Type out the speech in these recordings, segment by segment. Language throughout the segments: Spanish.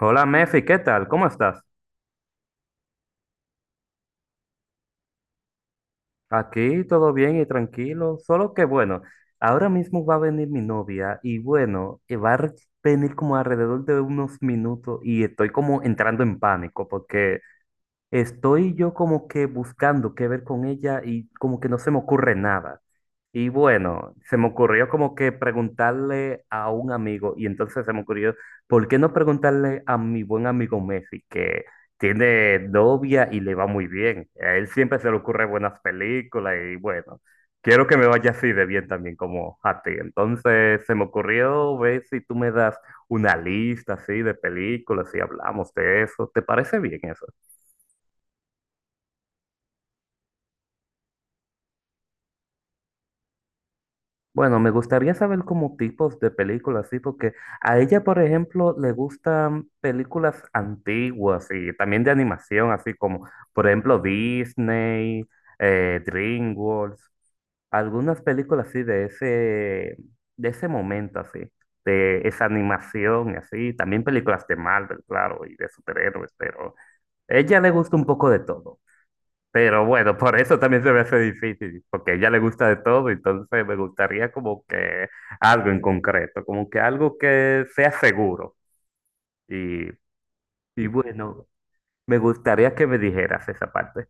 Hola Mefi, ¿qué tal? ¿Cómo estás? Aquí todo bien y tranquilo, solo que bueno, ahora mismo va a venir mi novia y bueno, va a venir como alrededor de unos minutos y estoy como entrando en pánico porque estoy yo como que buscando qué ver con ella y como que no se me ocurre nada. Y bueno, se me ocurrió como que preguntarle a un amigo y entonces se me ocurrió, ¿por qué no preguntarle a mi buen amigo Messi que tiene novia y le va muy bien? A él siempre se le ocurre buenas películas y bueno, quiero que me vaya así de bien también como a ti. Entonces se me ocurrió ver si tú me das una lista así de películas y hablamos de eso. ¿Te parece bien eso? Bueno, me gustaría saber como tipos de películas, sí, porque a ella, por ejemplo, le gustan películas antiguas y también de animación, así como, por ejemplo, Disney, DreamWorks, algunas películas así de ese momento, así, de esa animación y así, también películas de Marvel, claro, y de superhéroes, pero a ella le gusta un poco de todo. Pero bueno, por eso también se me hace difícil, porque a ella le gusta de todo, entonces me gustaría como que algo en concreto, como que algo que sea seguro. Y, y bueno, me gustaría que me dijeras esa parte.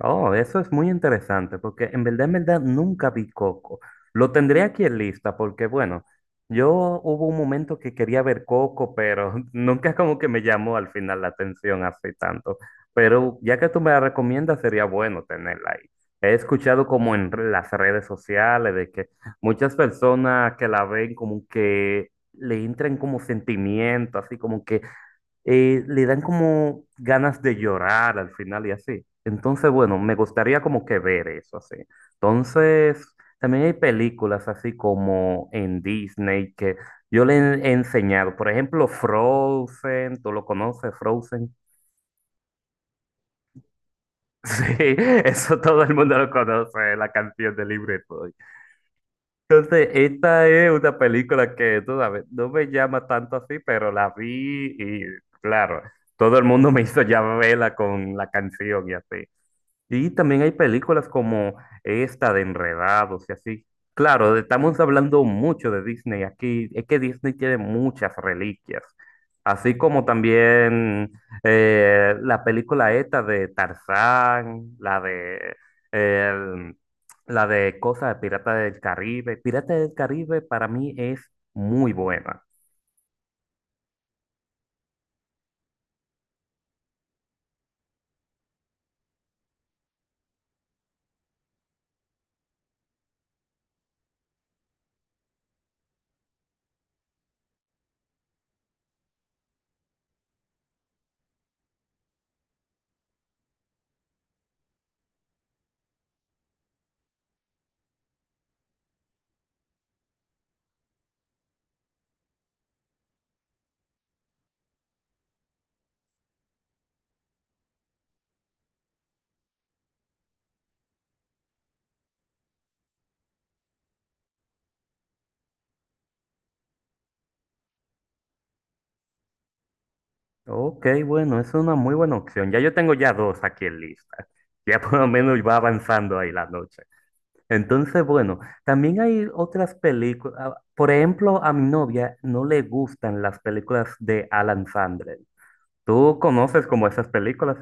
Oh, eso es muy interesante porque en verdad nunca vi Coco. Lo tendré aquí en lista porque, bueno, yo hubo un momento que quería ver Coco, pero nunca como que me llamó al final la atención así tanto. Pero ya que tú me la recomiendas, sería bueno tenerla ahí. He escuchado como en las redes sociales de que muchas personas que la ven como que le entran como sentimiento, así como que le dan como ganas de llorar al final y así. Entonces, bueno, me gustaría como que ver eso así. Entonces, también hay películas así como en Disney que yo le he enseñado. Por ejemplo, Frozen, ¿tú lo conoces, Frozen? Sí, eso todo el mundo lo conoce, la canción de Libre Soy. Entonces, esta es una película que, tú sabes, no me llama tanto así, pero la vi y, claro, todo el mundo me hizo ya verla con la canción y así. Y también hay películas como esta de Enredados y así. Claro, estamos hablando mucho de Disney aquí. Es que Disney tiene muchas reliquias. Así como también la película esta de Tarzán, la de, el- la de Cosa de Pirata del Caribe. Pirata del Caribe para mí es muy buena. Ok, bueno, es una muy buena opción. Ya yo tengo ya dos aquí en lista. Ya por lo menos va avanzando ahí la noche. Entonces, bueno, también hay otras películas. Por ejemplo, a mi novia no le gustan las películas de Alan Sandler. ¿Tú conoces como esas películas?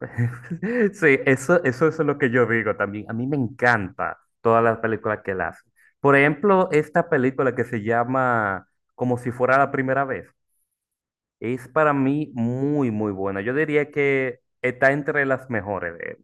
Sí, eso es lo que yo digo también. A mí me encanta todas las películas que él hace. Por ejemplo, esta película que se llama Como si fuera la primera vez, es para mí muy, muy buena. Yo diría que está entre las mejores.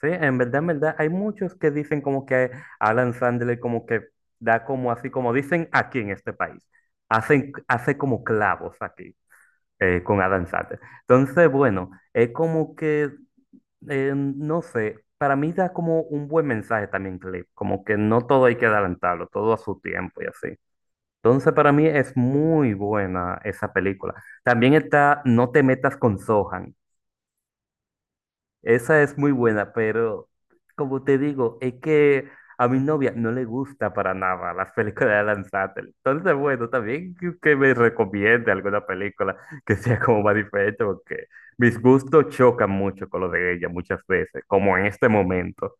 Sí, en verdad, hay muchos que dicen como que Alan Sandler como que da como así, como dicen aquí en este país, hacen, hace como clavos aquí con Alan Sandler. Entonces, bueno, es como que, no sé, para mí da como un buen mensaje también, Clip, como que no todo hay que adelantarlo, todo a su tiempo y así. Entonces, para mí es muy buena esa película. También está No te metas con Sohan. Esa es muy buena, pero como te digo, es que a mi novia no le gusta para nada las películas de Alan Satter. Entonces, bueno, también que me recomiende alguna película que sea como más diferente, porque mis gustos chocan mucho con los de ella muchas veces, como en este momento.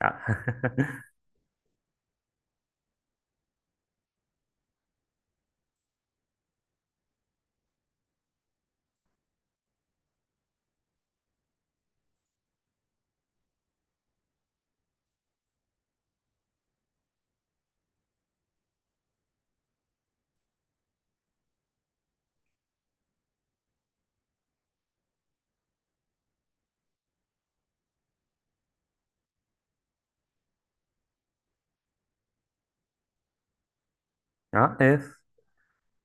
Ah, ah, es.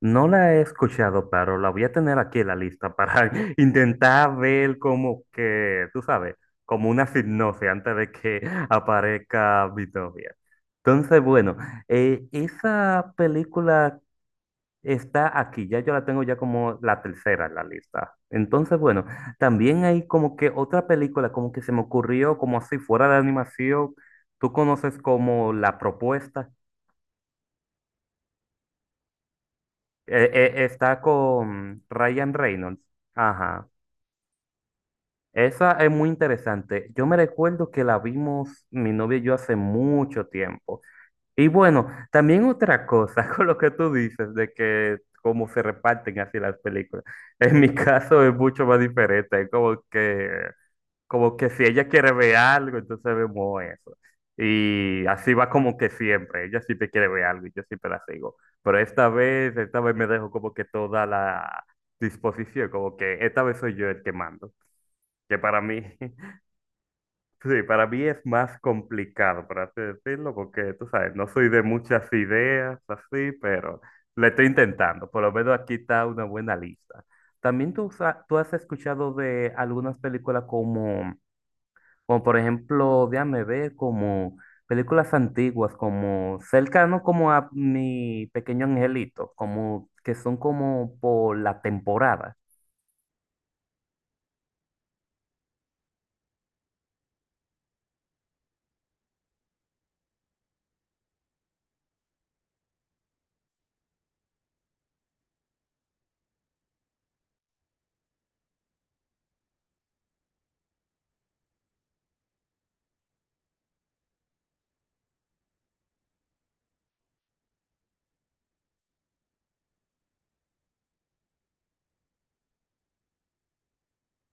No la he escuchado, pero la voy a tener aquí en la lista para intentar ver como que, tú sabes, como una hipnosis antes de que aparezca mi novia. Entonces, bueno, esa película está aquí, ya yo la tengo ya como la tercera en la lista. Entonces, bueno, también hay como que otra película como que se me ocurrió como si fuera de animación. Tú conoces como La Propuesta. Está con Ryan Reynolds. Ajá. Esa es muy interesante. Yo me recuerdo que la vimos mi novia y yo hace mucho tiempo. Y bueno, también otra cosa con lo que tú dices de que cómo se reparten así las películas. En mi caso es mucho más diferente. Es como que, como que si ella quiere ver algo, entonces vemos eso. Y así va como que siempre. Ella siempre quiere ver algo y yo siempre la sigo. Pero esta vez me dejo como que toda la disposición, como que esta vez soy yo el que mando, que para mí sí, para mí es más complicado, por así decirlo, porque tú sabes, no soy de muchas ideas así, pero le estoy intentando. Por lo menos aquí está una buena lista. También tú, tú has escuchado de algunas películas como, como por ejemplo, déjame ver, como películas antiguas, como cercano como a Mi Pequeño Angelito, como que son como por la temporada.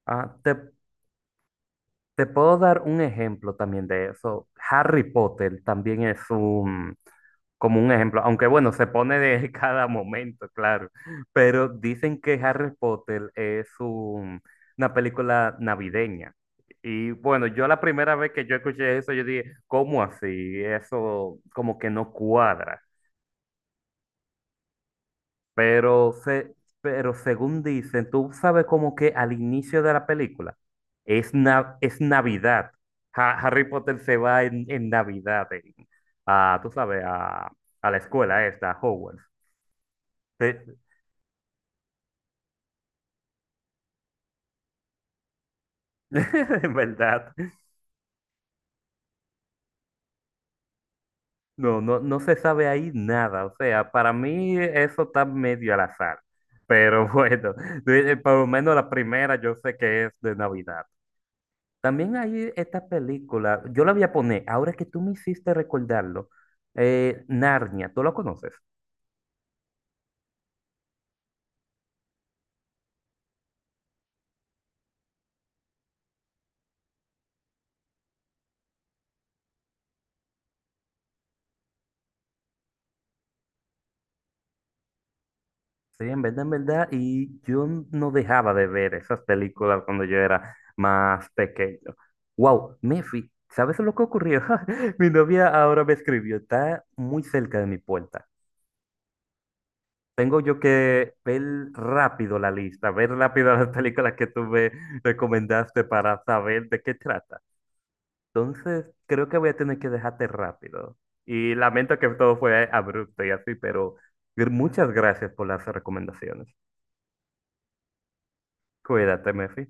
Ah, te, Te puedo dar un ejemplo también de eso. Harry Potter también es un, como un ejemplo, aunque bueno, se pone de cada momento, claro, pero dicen que Harry Potter es una película navideña. Y bueno, yo la primera vez que yo escuché eso, yo dije, ¿cómo así? Eso como que no cuadra. Pero, se, pero según dicen, tú sabes como que al inicio de la película es, es Navidad. Harry Potter se va en Navidad, en- a, tú sabes, a la escuela esta, a Hogwarts. Te- En verdad, no se sabe ahí nada. O sea, para mí eso está medio al azar. Pero bueno, por lo menos la primera yo sé que es de Navidad. También hay esta película, yo la voy a poner, ahora que tú me hiciste recordarlo, Narnia, ¿tú lo conoces? Sí, en verdad, y yo no dejaba de ver esas películas cuando yo era más pequeño. Wow, Mefi, ¿sabes lo que ocurrió? Mi novia ahora me escribió, está muy cerca de mi puerta. Tengo yo que ver rápido la lista, ver rápido las películas que tú me recomendaste para saber de qué trata. Entonces, creo que voy a tener que dejarte rápido. Y lamento que todo fue abrupto y así, pero muchas gracias por las recomendaciones. Cuídate, Mefi.